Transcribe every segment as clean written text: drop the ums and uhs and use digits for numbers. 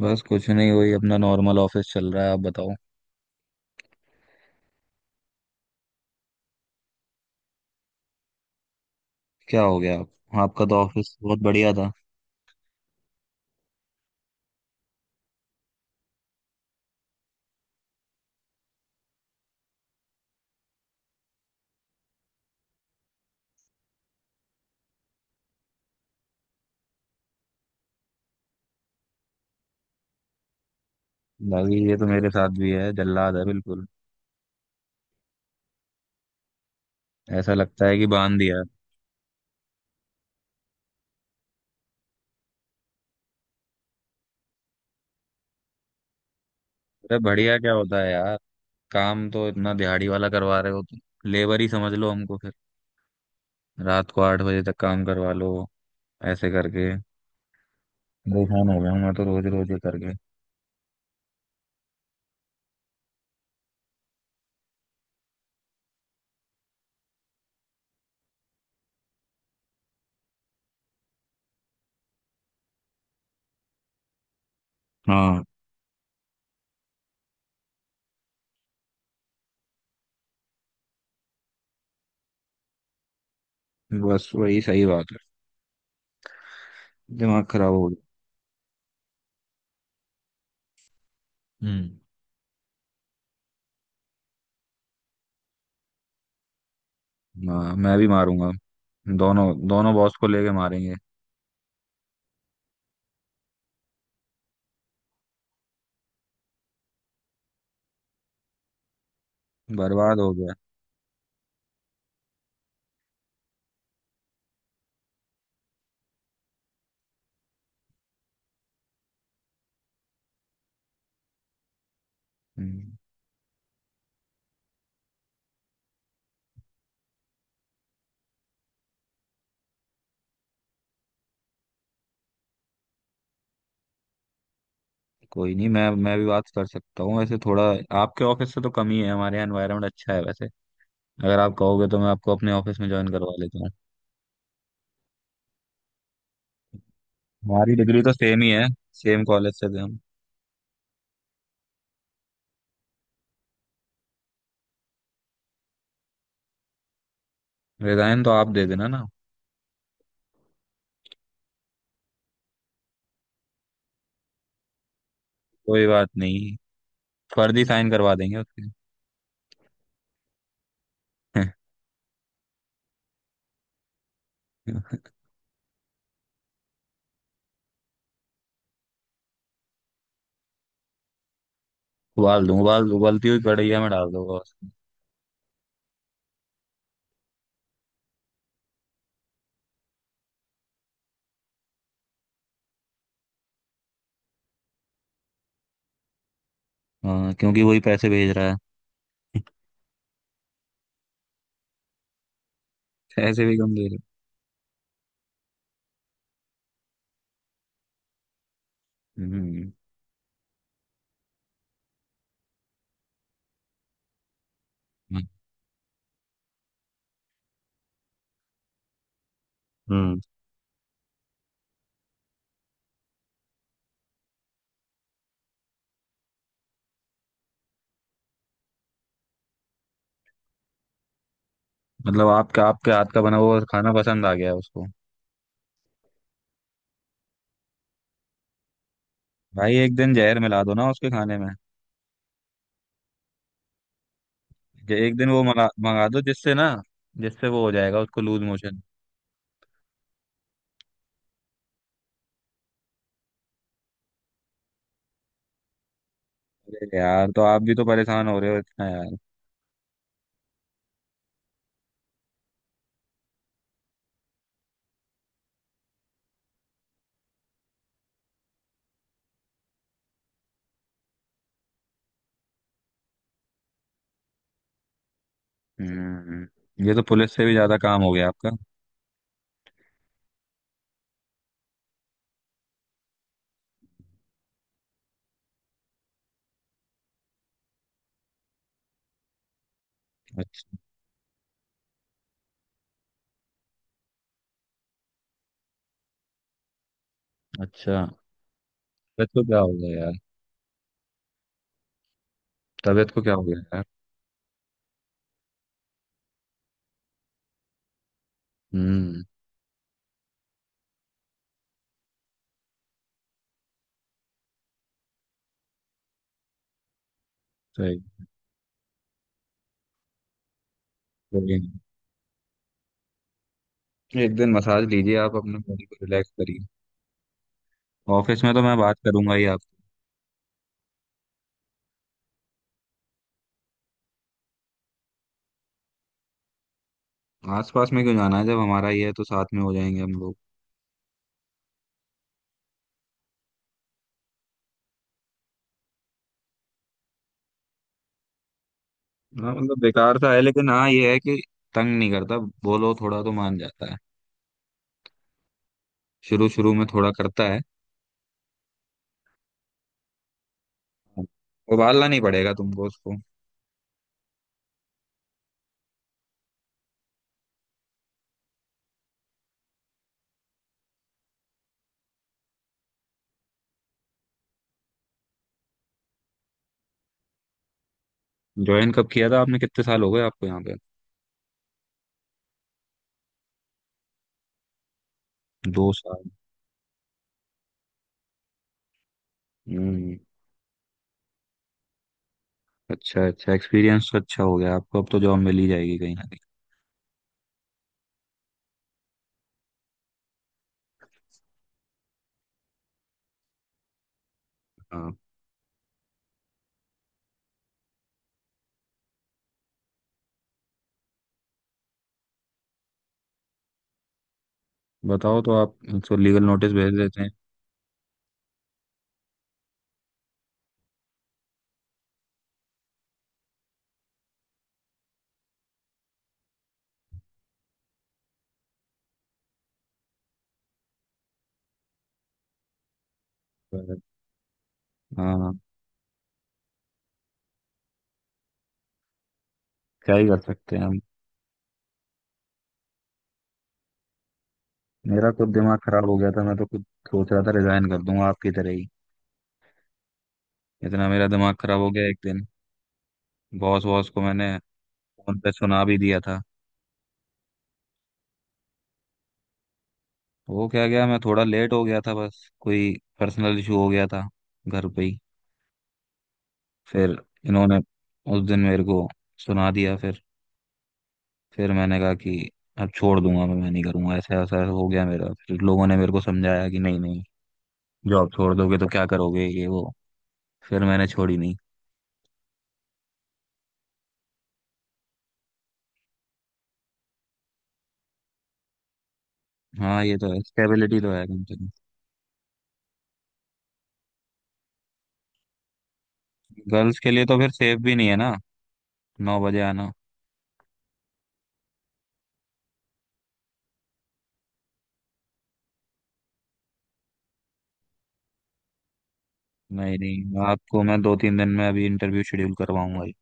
बस कुछ नहीं, वही अपना नॉर्मल ऑफिस चल रहा है। आप बताओ। क्या हो गया आप? आपका तो ऑफिस बहुत बढ़िया था। भाई ये तो मेरे साथ भी है, जल्लाद है बिल्कुल। ऐसा लगता है कि बांध दिया है। अरे बढ़िया क्या होता है यार। काम तो इतना दिहाड़ी वाला करवा रहे हो तुम। लेबर ही समझ लो हमको फिर। रात को 8 बजे तक काम करवा लो, ऐसे करके। परेशान हो गया हूं मैं तो, रोज रोज ये करके। हाँ, बस वही सही बात है। दिमाग खराब हो गया। हम्म। हाँ मैं भी मारूंगा। दोनों दोनों बॉस को लेके मारेंगे। बर्बाद हो गया। हम्म, कोई नहीं। मैं भी बात कर सकता हूँ वैसे, थोड़ा आपके ऑफिस से तो कम ही है। हमारे यहाँ एनवायरनमेंट अच्छा है वैसे। अगर आप कहोगे तो मैं आपको अपने ऑफिस में ज्वाइन करवा लेता हूँ। हमारी डिग्री तो सेम ही है, सेम कॉलेज से थे हम। रिजाइन तो आप दे देना ना। कोई बात नहीं, फर्जी साइन करवा देंगे उसके। उबाल उबलती हुई कढ़ैया में डाल दूंगा उसको। हाँ क्योंकि वही पैसे भेज रहा है। पैसे भी कम दे रहा है। हम्म। हम्म। मतलब आपके आपके हाथ का बना हुआ खाना पसंद आ गया उसको। भाई एक दिन जहर मिला दो ना उसके खाने में। कि एक दिन वो मंगा मंगा दो, जिससे ना, जिससे वो हो जाएगा, उसको लूज मोशन। अरे यार, तो आप भी तो परेशान हो रहे हो इतना यार। हम्म। ये तो पुलिस से भी ज्यादा काम हो गया आपका। अच्छा, अच्छा। तबीयत को क्या हो गया यार? तबीयत को क्या हो गया यार? हम्म। सही। कोई नहीं। एक दिन मसाज लीजिए, आप अपने बॉडी को रिलैक्स करिए। ऑफिस में तो मैं बात करूंगा ही आपसे। आस पास में क्यों जाना है, जब हमारा ही है तो साथ में हो जाएंगे हम लोग। हाँ मतलब बेकार सा है, लेकिन हाँ ये है कि तंग नहीं करता। बोलो थोड़ा तो मान जाता है। शुरू शुरू में थोड़ा करता है। उबालना नहीं पड़ेगा तुमको उसको। ज्वाइन कब किया था आपने? कितने साल हो गए आपको यहाँ पे? 2 साल। हम्म, अच्छा अच्छा। एक्सपीरियंस अच्छा हो गया आपको, अब तो जॉब मिल ही जाएगी कहीं ना कहीं। हाँ बताओ तो आप। तो लीगल नोटिस भेज देते हैं। पर, हाँ, क्या ही कर सकते हैं हम। मेरा खुद दिमाग खराब हो गया था, मैं तो खुद सोच रहा था रिजाइन कर दूंगा आपकी तरह ही। इतना मेरा दिमाग खराब हो गया एक दिन। बॉस बॉस को मैंने फोन पे सुना भी दिया था। वो क्या गया, मैं थोड़ा लेट हो गया था, बस कोई पर्सनल इशू हो गया था घर पे ही। फिर इन्होंने उस दिन मेरे को सुना दिया। फिर मैंने कहा कि अब छोड़ दूंगा मैं, नहीं करूंगा ऐसा। ऐसा हो गया मेरा, फिर लोगों ने मेरे को समझाया कि नहीं नहीं, जॉब छोड़ दोगे तो क्या करोगे ये वो। फिर मैंने छोड़ी नहीं। हाँ ये तो है, स्टेबिलिटी तो है कम से कम। गर्ल्स के लिए तो फिर सेफ भी नहीं है ना, 9 बजे आना। नहीं नहीं, आपको मैं 2-3 दिन में अभी इंटरव्यू शेड्यूल करवाऊंगा ही,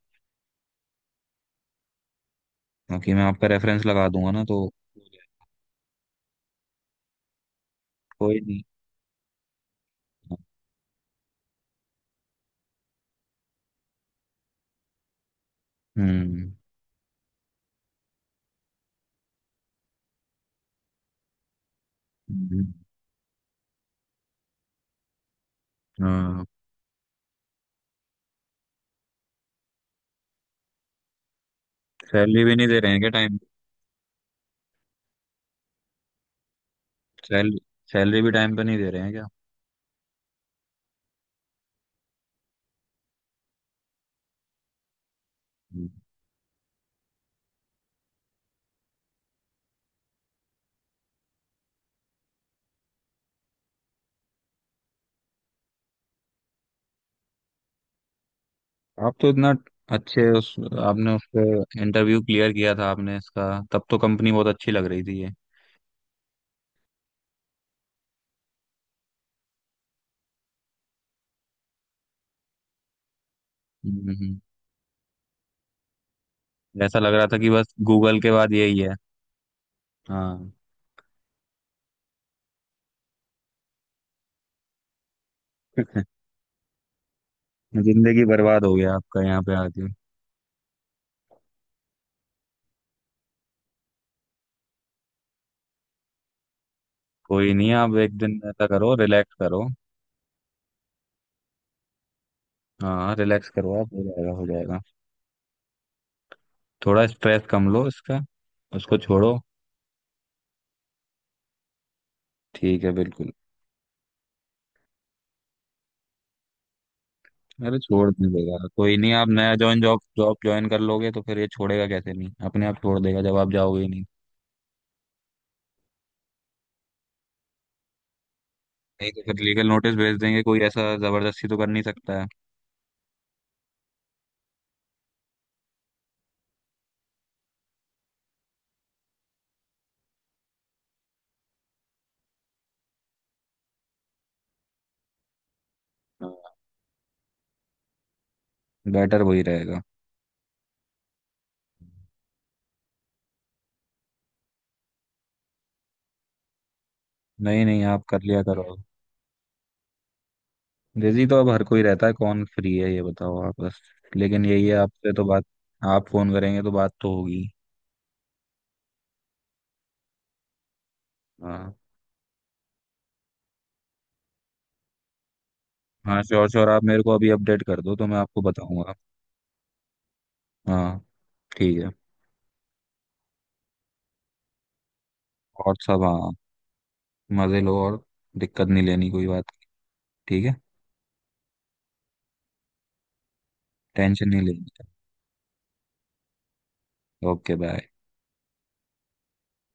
क्योंकि मैं आपका रेफरेंस लगा दूंगा ना तो। कोई नहीं। हम्म। हम्म, हाँ सैलरी भी नहीं दे रहे हैं क्या टाइम? सैल, सैलरी भी टाइम पे नहीं दे रहे हैं क्या? हम्म। आप तो इतना अच्छे उस, आपने उस पे इंटरव्यू क्लियर किया था आपने इसका, तब तो कंपनी बहुत अच्छी लग रही थी ये। हम्म, ऐसा लग रहा था कि बस गूगल के बाद यही है। हाँ। जिंदगी बर्बाद हो गया आपका यहाँ पे आके। कोई नहीं आप एक दिन ऐसा करो, रिलैक्स करो। हाँ रिलैक्स करो आप, हो जाएगा, हो जाएगा। थोड़ा स्ट्रेस कम लो इसका, उसको छोड़ो। ठीक है बिल्कुल। अरे छोड़ नहीं देगा, कोई नहीं, आप नया ज्वाइन, जॉब जॉब ज्वाइन कर लोगे तो फिर ये छोड़ेगा कैसे, नहीं अपने आप छोड़ देगा जब आप जाओगे ही नहीं। नहीं तो फिर लीगल नोटिस भेज देंगे, कोई ऐसा जबरदस्ती तो कर नहीं सकता है। बेटर वही रहेगा। नहीं नहीं आप कर लिया करो, बिजी तो अब हर कोई रहता है, कौन फ्री है ये बताओ आप बस। लेकिन यही है आपसे तो बात। आप फोन करेंगे तो बात तो होगी। हाँ, हाँ श्योर श्योर, आप मेरे को अभी अपडेट कर दो तो मैं आपको बताऊंगा। हाँ, ठीक है। और सब हाँ, मजे लो और दिक्कत नहीं लेनी कोई बात की, ठीक है। टेंशन नहीं लेनी। Okay bye.